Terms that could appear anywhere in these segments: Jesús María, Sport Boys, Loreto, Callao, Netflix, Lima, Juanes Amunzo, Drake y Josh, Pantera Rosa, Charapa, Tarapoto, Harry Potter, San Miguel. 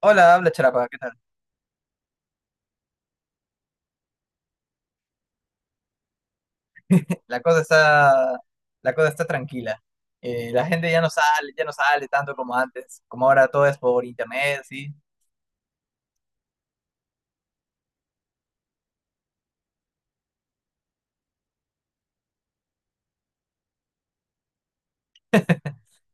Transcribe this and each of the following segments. Hola, habla Charapa, ¿qué tal? La cosa está, la cosa está tranquila. La gente ya no sale, tanto como antes, como ahora todo es por internet, sí.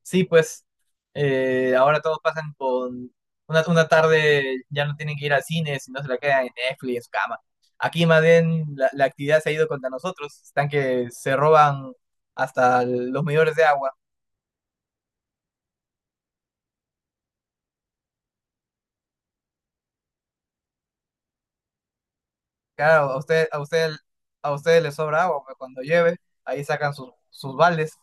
Sí, pues ahora todos pasan con una tarde, ya no tienen que ir al cine, sino se la quedan en Netflix, en su cama. Aquí más bien la actividad se ha ido contra nosotros, están que se roban hasta los medidores de agua. Claro, a ustedes les sobra agua, pero cuando llueve, ahí sacan sus baldes.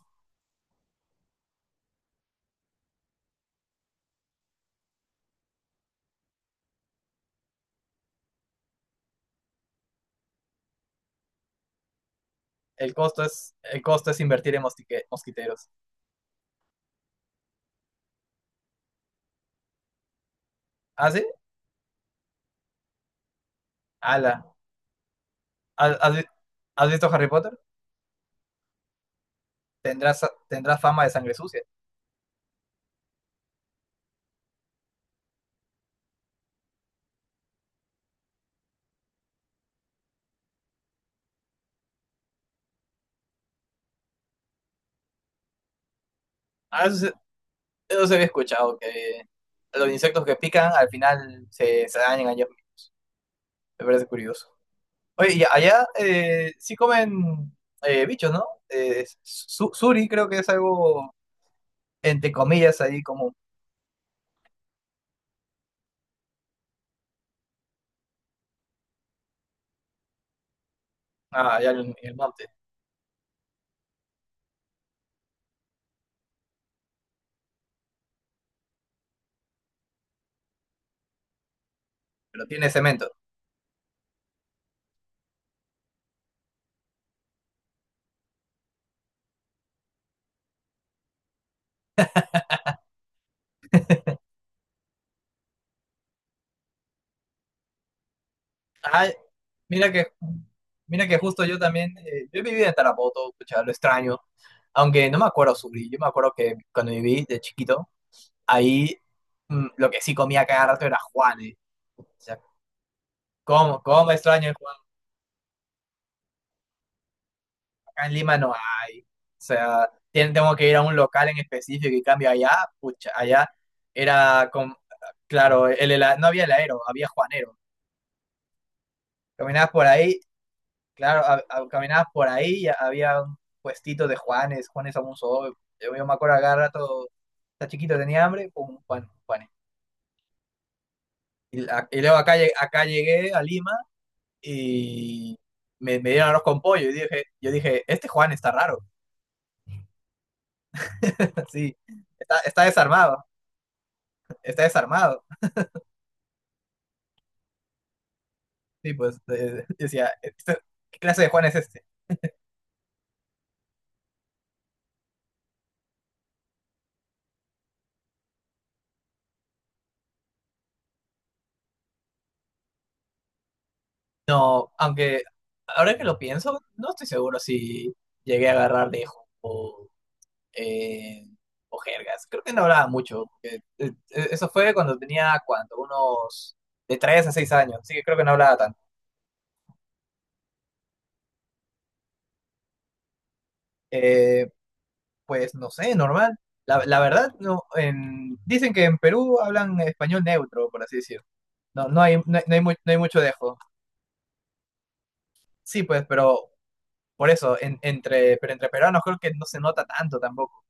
El costo es invertir en mosquiteros. ¿Ah, sí? Ala. ¿Has, has vi- has visto Harry Potter? Tendrás, tendrás fama de sangre sucia. Ah, eso se había escuchado, que los insectos que pican al final se dañan allá. Me parece curioso. Oye, y allá sí comen bichos, ¿no? Suri creo que es algo, entre comillas, ahí como... Ah, allá en el monte, pero tiene cemento. Ah, Mira que, mira que justo yo también, yo viví en Tarapoto, pucha, lo extraño, aunque no me acuerdo sufrir, yo me acuerdo que cuando viví de chiquito, ahí lo que sí comía cada rato era Juanes, o sea, ¿cómo extraño el Juan? Acá en Lima no hay, o sea, tengo que ir a un local en específico y cambio allá, pucha, allá era, claro, no había heladero, había Juanero, caminabas por ahí. Claro, caminabas por ahí y había un puestito de Juanes, Juanes Amunzo. Yo me acuerdo cada rato, está chiquito, tenía hambre, pum, Juan, Juanes. Y luego acá, acá llegué a Lima y me dieron arroz con pollo y dije, yo dije, este Juan está raro. Sí, está desarmado, está desarmado. Sí, pues decía, " ¿qué clase de Juan es este?" No, aunque ahora que lo pienso, no estoy seguro si llegué a agarrar lejos o eh, jergas. Creo que no hablaba mucho, porque, eso fue cuando tenía, ¿cuánto? Unos de 3 a 6 años. Así que creo que no hablaba tanto. Eh, pues no sé, normal. La verdad, no, dicen que en Perú hablan español neutro, por así decirlo. No hay mucho dejo. Sí, pues, pero por eso, entre peruanos creo que no se nota tanto tampoco.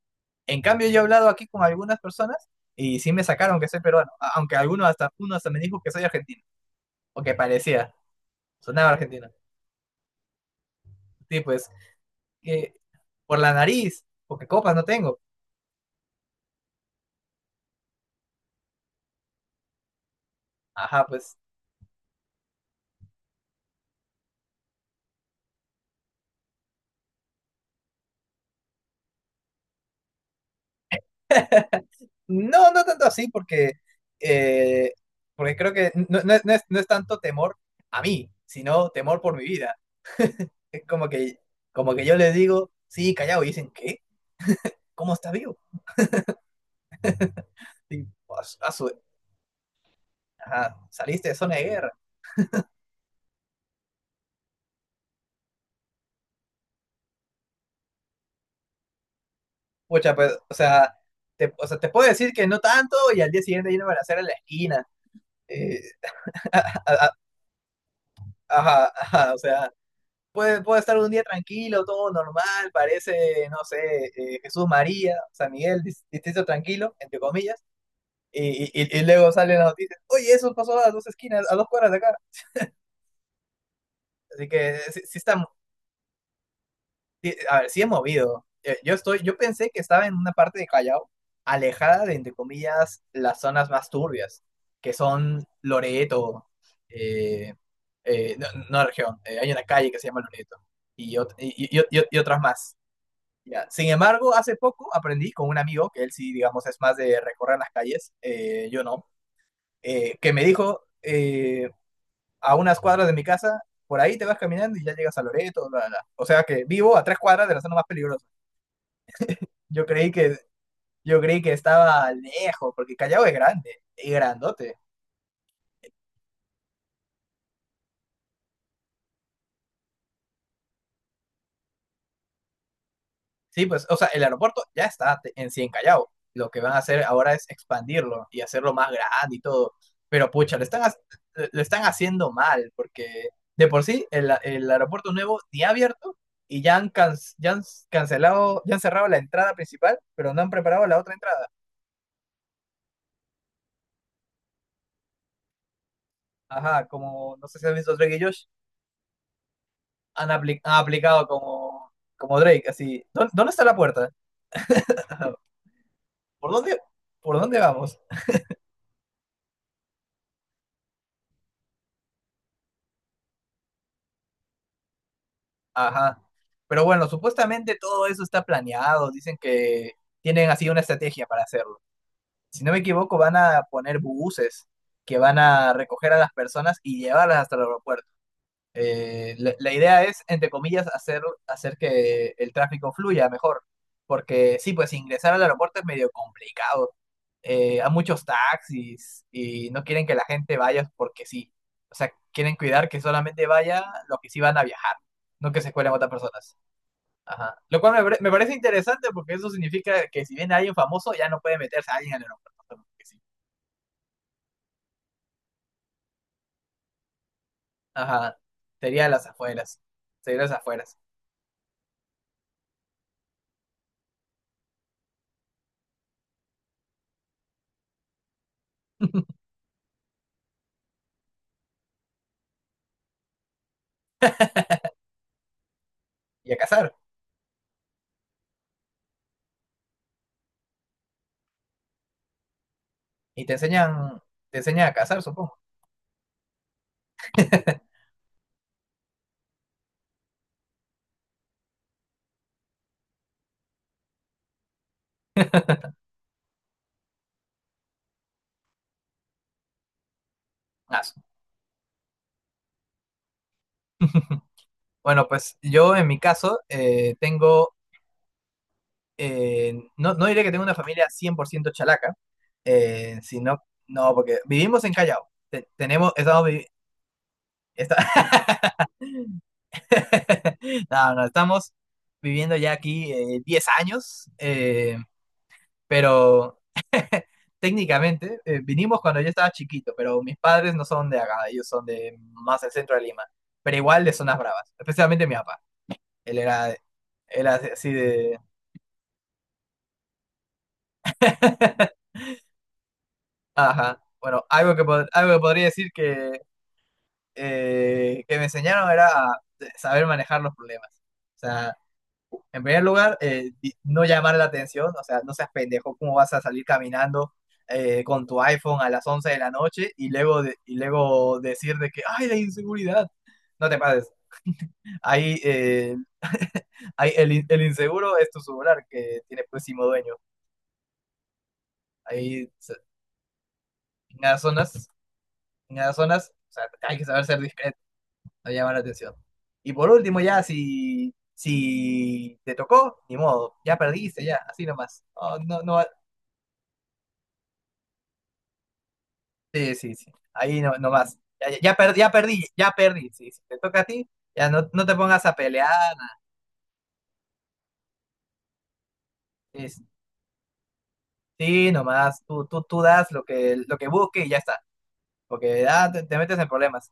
En cambio, yo he hablado aquí con algunas personas y sí me sacaron que soy peruano. Aunque algunos hasta, uno hasta me dijo que soy argentino, o que parecía. Sonaba argentina. Sí, pues, que por la nariz, porque copas no tengo. Ajá, pues, no, no tanto así, porque, eh, porque creo que no es tanto temor a mí, sino temor por mi vida. Es como que yo les digo, sí, callado, y dicen, ¿qué? ¿Cómo está vivo? Y, " ajá, saliste de zona de guerra. Pucha, pues, o sea, te puedo decir que no tanto, y al día siguiente yo no me la en la esquina. Eh, ajá, ajá, o sea. Puede estar un día tranquilo, todo normal, parece, no sé, Jesús María, San Miguel, distrito tranquilo, entre comillas, y luego salen las noticias, oye, eso pasó a dos esquinas, a dos cuadras de acá. Así que sí, sí, a ver, sí es movido. Yo pensé que estaba en una parte de Callao, alejada de, entre comillas, las zonas más turbias, que son Loreto, eh, no, no región, hay una calle que se llama Loreto, y otras más. Ya. Sin embargo, hace poco aprendí con un amigo, que él sí, digamos, es más de recorrer las calles, yo no, que me dijo a unas cuadras de mi casa, por ahí te vas caminando y ya llegas a Loreto, bla, bla, bla". O sea que vivo a tres cuadras de la zona más peligrosa. Yo creí que, yo creí que estaba lejos, porque Callao es grande y grandote. Sí, pues, o sea, el aeropuerto ya está en sí en Callao. Lo que van a hacer ahora es expandirlo y hacerlo más grande y todo. Pero pucha, lo están haciendo mal, porque de por sí el aeropuerto nuevo ni ha abierto y ya han, can- ya han cancelado, ya han cerrado la entrada principal, pero no han preparado la otra entrada. Ajá, como no sé si has visto Drake y Josh, han aplicado como, como Drake, así. ¿Dónde está la puerta? ¿Por dónde, por dónde vamos? Ajá. Pero bueno, supuestamente todo eso está planeado. Dicen que tienen así una estrategia para hacerlo. Si no me equivoco, van a poner buses que van a recoger a las personas y llevarlas hasta el aeropuerto. La idea es, entre comillas, hacer que el tráfico fluya mejor. Porque sí, pues ingresar al aeropuerto es medio complicado. Hay muchos taxis y no quieren que la gente vaya porque sí. O sea, quieren cuidar que solamente vaya los que sí van a viajar, no que se cuelen otras personas. Ajá. Lo cual me parece interesante porque eso significa que si viene alguien famoso, ya no puede meterse a alguien al aeropuerto porque sí. Ajá. Sería las afueras. Sería las afueras. Y a cazar. Y te enseñan a cazar, supongo. Ah, Bueno, pues yo en mi caso no, no diré que tengo una familia 100% chalaca, sino, no, porque vivimos en Callao. Tenemos, estamos, está- no, no, estamos viviendo ya aquí 10 años, pero técnicamente vinimos cuando yo estaba chiquito, pero mis padres no son de acá, ellos son de más del centro de Lima, pero igual de zonas bravas, especialmente mi papá. Él era, de- Él era así de... Ajá. Bueno, algo que podría decir que me enseñaron era a saber manejar los problemas. O sea, en primer lugar, no llamar la atención, o sea, no seas pendejo, ¿cómo vas a salir caminando con tu iPhone a las 11 de la noche y luego, decir de que, ay, la inseguridad? No te pases. Ahí, ahí el inseguro es tu celular que tiene próximo dueño. Ahí, se- en las zonas, o sea, hay que saber ser discreto, no llamar la atención. Y por último, ya, si te tocó, ni modo, ya perdiste, ya, así nomás. No, no, no. Sí, sí, sí. Ahí no, no más. Ya, ya, ya perdí, ya perdí, ya perdí. Sí, si te toca a ti, ya no, no te pongas a pelear. Es- sí, nomás. Tú das lo que busque y ya está. Porque te metes en problemas.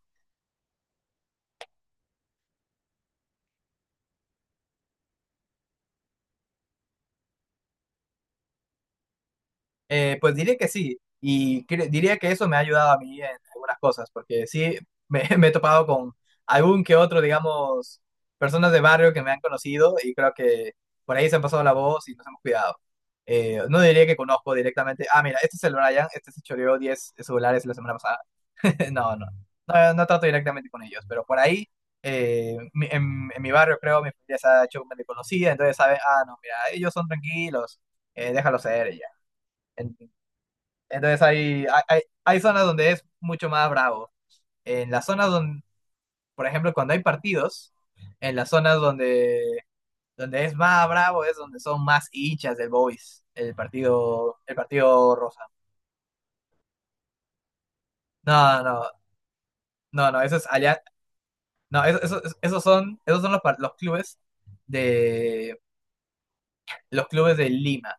Pues diría que sí, y diría que eso me ha ayudado a mí en algunas cosas, porque sí me, me he topado con algún que otro, digamos, personas de barrio que me han conocido y creo que por ahí se han pasado la voz y nos hemos cuidado. No diría que conozco directamente, ah, mira, este es el Brian, este se choreó 10 celulares la semana pasada. No, no, no, no trato directamente con ellos, pero por ahí, en, mi barrio creo, mi familia se ha hecho medio conocida, entonces sabe, ah, no, mira, ellos son tranquilos, déjalo ser y ya. Entonces hay zonas donde es mucho más bravo. En las zonas donde, por ejemplo, cuando hay partidos, en las zonas donde es más bravo es donde son más hinchas del Boys, el partido rosa. No, no, no, no, eso es allá. No, esos son, los, de los clubes de Lima.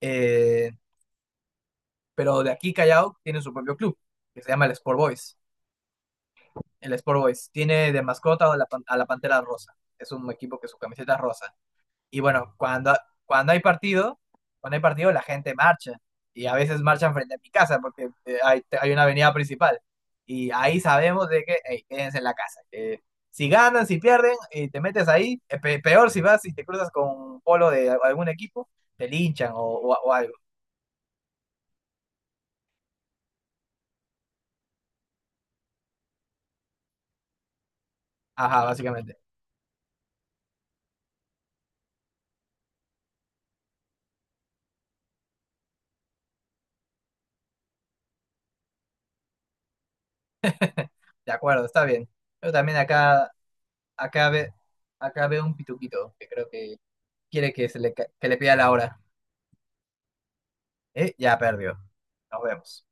Eh, pero de aquí Callao tiene su propio club, que se llama el Sport Boys. El Sport Boys tiene de mascota a a la Pantera Rosa. Es un equipo que su camiseta es rosa. Y bueno, cuando hay partido, cuando hay partido la gente marcha. Y a veces marchan frente a mi casa porque hay una avenida principal. Y ahí sabemos de que, hey, quédense en la casa, que si ganan, si pierden, y te metes ahí, peor si vas y te cruzas con un polo de algún equipo, te linchan o, o algo. Ajá, básicamente. De acuerdo, está bien. Yo también acá, ve, acá veo un pituquito que creo que quiere que, que le pida la hora. Ya perdió. Nos vemos.